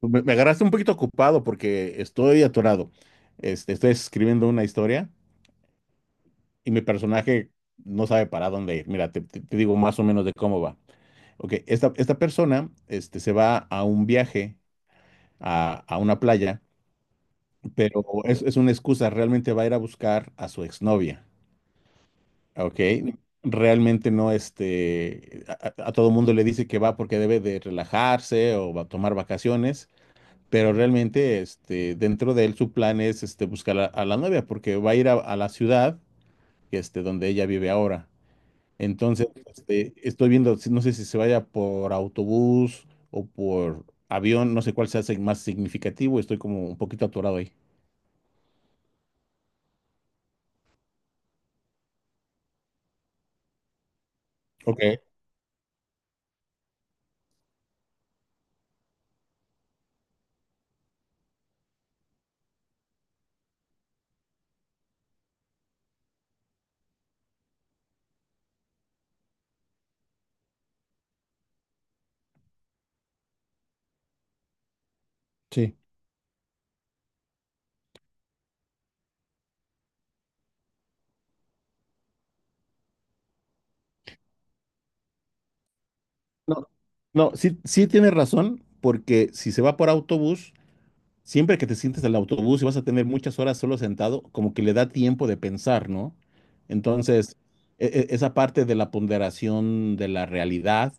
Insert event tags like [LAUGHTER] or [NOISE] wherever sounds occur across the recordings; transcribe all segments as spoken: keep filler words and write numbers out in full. Pues, Me, me agarraste un poquito ocupado porque estoy atorado. Este, estoy escribiendo una historia y mi personaje no sabe para dónde ir. Mira, te, te- te digo más o menos de cómo va. Ok, esta, esta persona este, se va a un viaje a, a una playa, pero es, es una excusa. Realmente va a ir a buscar a su exnovia. Ok, realmente no, este, a, a- a todo mundo le dice que va porque debe de relajarse o va a tomar vacaciones. Pero realmente, este, dentro de él, su plan es, este, buscar a, a la novia, porque va a ir a, a la ciudad, este, donde ella vive ahora. Entonces, este, estoy viendo, si- no sé si se vaya por autobús o por avión, no sé cuál sea sig- más significativo, estoy como un poquito atorado ahí. Ok. Sí. No, no, sí, sí tienes razón, porque si se va por autobús, siempre que te sientes en el autobús y vas a tener muchas horas solo sentado, como que le da tiempo de pensar, ¿no? Entonces, e- e- esa parte de la ponderación de la realidad,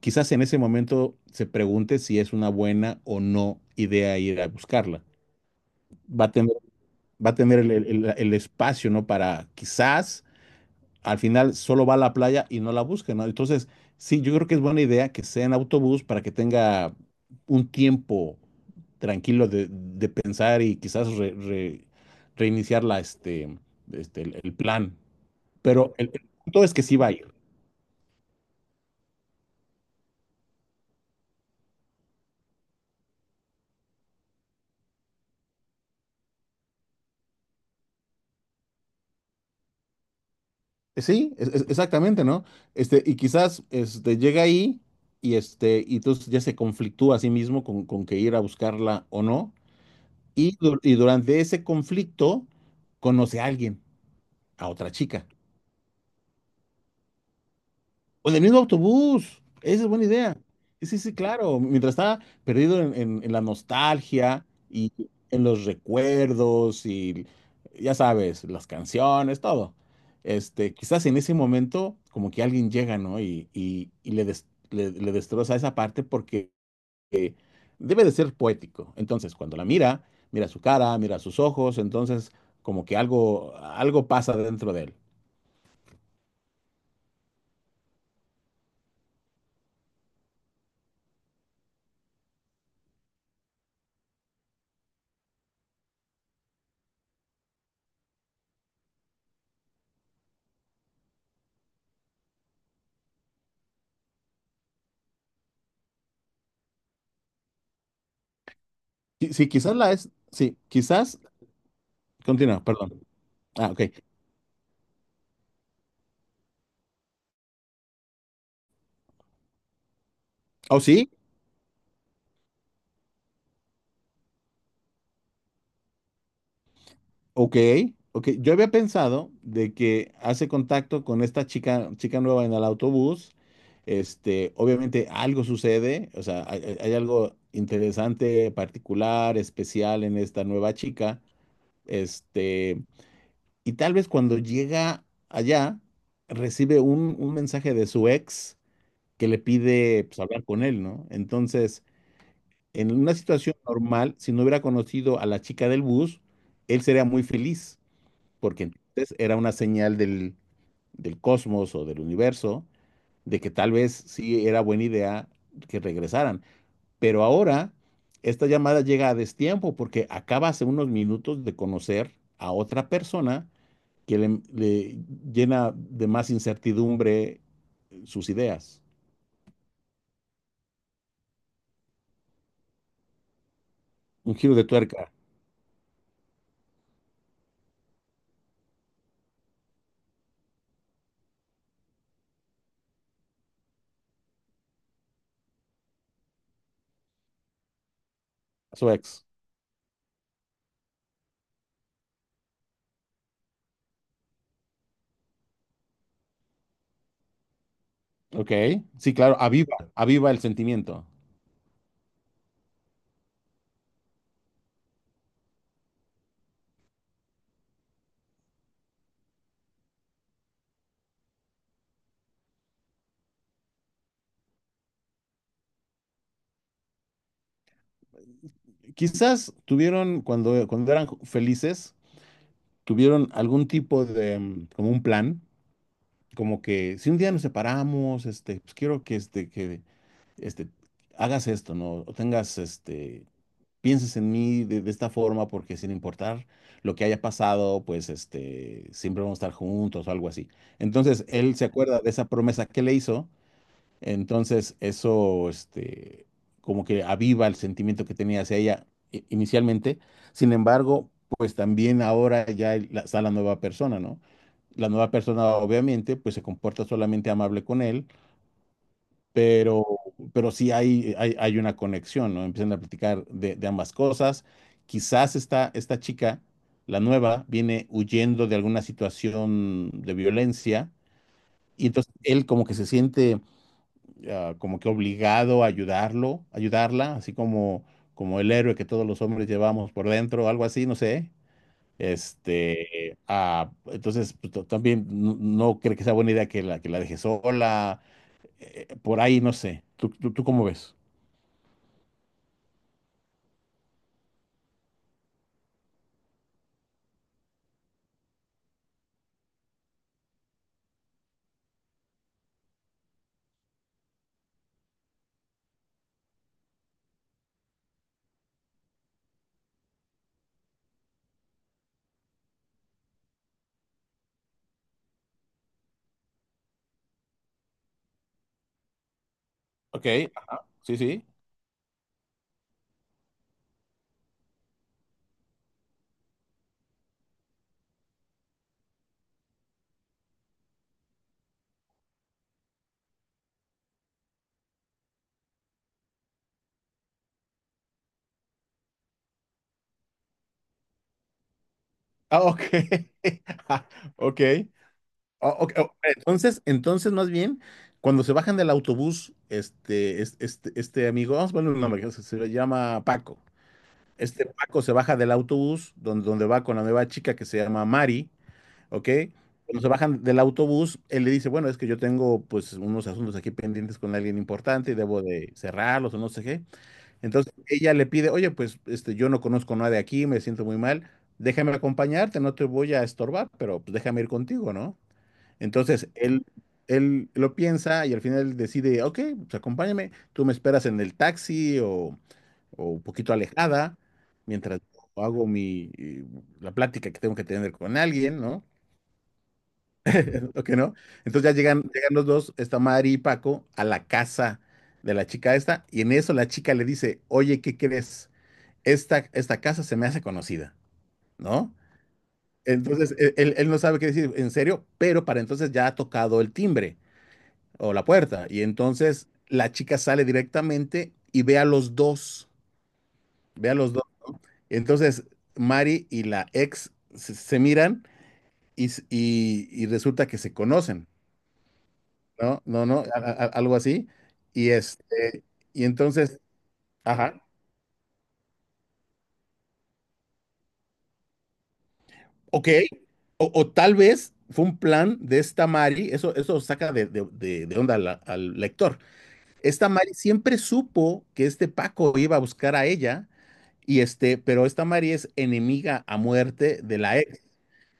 quizás en ese momento se pregunte si es una buena o no idea ir a buscarla. Va a tener, va a tener el, el- el- el espacio, ¿no? Para quizás al final solo va a la playa y no la busca, ¿no? Entonces, sí, yo creo que es buena idea que sea en autobús para que tenga un tiempo tranquilo de, de pensar y quizás re- re- reiniciar la, este, este, el, el plan. Pero el, el punto es que sí va a ir. Sí, es- es- exactamente, ¿no? Este, y quizás este, llega ahí y, este, y entonces ya se conflictúa a sí mismo con, con que ir a buscarla o no. Y, du- y durante ese conflicto conoce a alguien, a otra chica. O en el mismo autobús. Esa es buena idea. Sí, sí, sí, claro. Mientras está perdido en, en- en la nostalgia y en los recuerdos y ya sabes, las canciones, todo. Este, quizás en ese momento como que alguien llega, ¿no? Y, y- y le, des- le- le destroza esa parte porque eh, debe de ser poético. Entonces, cuando la mira, mira su cara, mira sus ojos, entonces como que algo, algo pasa dentro de él. Sí, sí, quizás la es, sí, quizás, continúa, perdón. Ah, ok. Oh, sí, ok, ok. Yo había pensado de que hace contacto con esta chica, chica nueva en el autobús. Este, obviamente algo sucede, o sea, hay, hay- hay algo interesante, particular, especial en esta nueva chica. Este, y tal vez cuando llega allá, recibe un, un mensaje de su ex que le pide pues, hablar con él, ¿no? Entonces, en una situación normal, si no hubiera conocido a la chica del bus, él sería muy feliz, porque entonces era una señal del, del cosmos o del universo de que tal vez sí era buena idea que regresaran. Pero ahora, esta llamada llega a destiempo porque acaba hace unos minutos de conocer a otra persona que le, le llena de más incertidumbre sus ideas. Un giro de tuerca a su ex. Ok, sí, claro, aviva, aviva el sentimiento. Quizás tuvieron, cuando, cuando eran ju- felices, tuvieron algún tipo de, mm, como un plan, como que si un día nos separamos, este, pues quiero que, este, que, este, hagas esto, ¿no? O tengas, este, pienses en mí de, de esta forma, porque sin importar lo que haya pasado, pues, este, siempre vamos a estar juntos o algo así. Entonces, él se acuerda de esa promesa que le hizo. Entonces, eso, este, como que aviva el sentimiento que tenía hacia ella i- inicialmente. Sin embargo, pues también ahora ya el- la- está la nueva persona, ¿no? La nueva persona obviamente pues se comporta solamente amable con él, pero, pero sí hay, hay, hay una conexión, ¿no? Empiezan a platicar de, de ambas cosas. Quizás esta, esta chica, la nueva, viene huyendo de alguna situación de violencia y entonces él como que se siente ah, como que obligado a ayudarlo, ayudarla, así como, como el héroe que todos los hombres llevamos por dentro, algo así, no sé. Este, ah, entonces pues, to- también no, no creo que sea buena idea que la, que la, deje sola, eh, por ahí, no sé. ¿Tú, tú, tú cómo ves? Ok, ajá, sí, sí. Ah, ok. [LAUGHS] Ah, ok. Ah, ok, ok. Entonces, entonces más bien, cuando se bajan del autobús, este, es- este, este amigo, vamos a ponerle un nombre, que se, se llama Paco. Este Paco se baja del autobús donde, donde va con la nueva chica que se llama Mari, ¿ok? Cuando se bajan del autobús, él le dice, bueno, es que yo tengo pues unos asuntos aquí pendientes con alguien importante y debo de cerrarlos o no sé qué. Entonces ella le pide, oye, pues este, yo no conozco nada de aquí, me siento muy mal, déjame acompañarte, no te voy a estorbar, pero pues déjame ir contigo, ¿no? Entonces, él, él lo piensa y al final decide, ok, pues acompáñame, tú me esperas en el taxi o, o un poquito alejada, mientras yo hago mi, eh, la plática que tengo que tener con alguien, ¿no? [LAUGHS] ¿O que no? Entonces ya llegan, llegan los dos, está Mari y Paco, a la casa de la chica esta, y en eso la chica le dice, oye, ¿qué crees? Esta, esta casa se me hace conocida, ¿no? Entonces, él, él él no sabe qué decir, en serio, pero para entonces ya ha tocado el timbre o la puerta. Y entonces la chica sale directamente y ve a los dos, ve a los dos. Entonces Mari y la ex se, se miran y, s- y- y resulta que se conocen, ¿no? No, no, a- a- algo así. Y este, y entonces, ajá, ok. O, o tal vez fue un plan de esta Mari, eso, eso saca de, de- de- de onda al al lector. Esta Mari siempre supo que este Paco iba a buscar a ella. Y este, pero esta Mari es enemiga a muerte de la ex.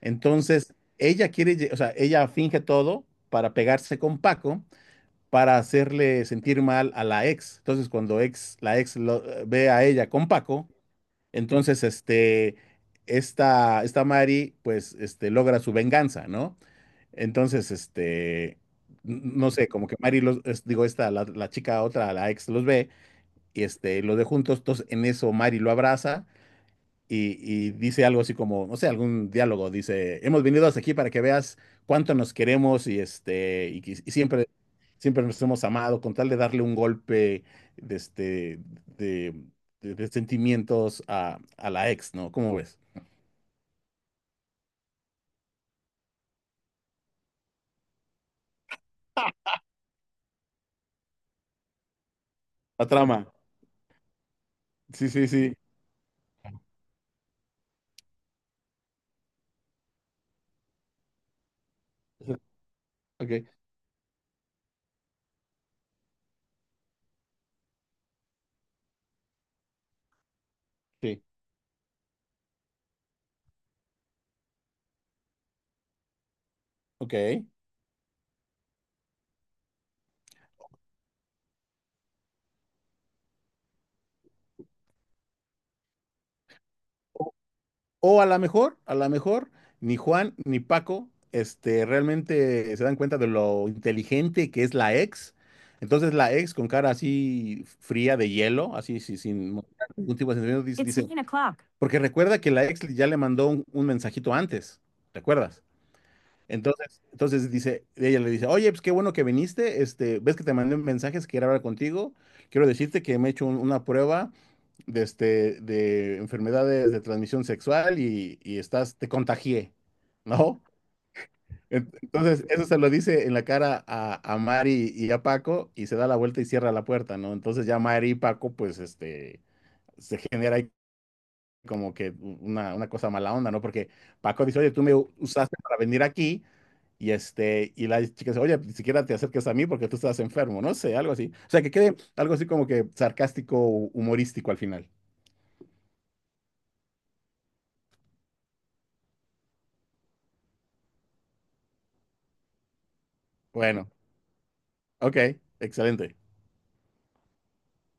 Entonces, ella quiere, lle- o sea, ella finge todo para pegarse con Paco, para hacerle sentir mal a la ex. Entonces, cuando ex, la ex lo- ve a ella con Paco, entonces, este, esta, esta Mari, pues, este, logra su venganza, ¿no? Entonces, este, n- no sé, como que Mari los, es- digo, esta, la, la chica otra, la ex los ve y este, los de juntos, entonces en eso Mari lo abraza y, y dice algo así como, no sé, algún diálogo, dice, hemos venido hasta aquí para que veas cuánto nos queremos y, este, y, que- y siempre, siempre nos hemos amado, con tal de darle un golpe de, este, de, de- de sentimientos a, a la ex, ¿no? ¿Cómo ves? La trama. Sí, sí, sí. Ok, sí. Ok. O a lo mejor, a lo mejor, ni Juan ni Paco, este, realmente se dan cuenta de lo inteligente que es la ex. Entonces la ex con cara así fría de hielo, así sí, sin mostrar ningún tipo de sentimiento, dice, It's dice, nine o'clock. Porque recuerda que la ex ya le mandó un, un mensajito antes, ¿recuerdas? Entonces, entonces dice, ella le dice, oye, pues qué bueno que viniste, este, ves que te mandé mensajes, quiero hablar contigo, quiero decirte que me he hecho un- una prueba de, este, de enfermedades de transmisión sexual y, y estás, te contagié, ¿no? En- Entonces, eso se lo dice en la cara a, a Mari y a Paco y se da la vuelta y cierra la puerta, ¿no? Entonces ya Mari y Paco, pues, este, se genera ahí como que u- una, una cosa mala onda, ¿no? Porque Paco dice, oye, tú me u- usaste para venir aquí y este, y la chica dice, oye, ni siquiera te acerques a mí porque tú estás enfermo, no sé, algo así. O sea, que quede algo así como que sarcástico, humorístico al final. Bueno. Ok, excelente.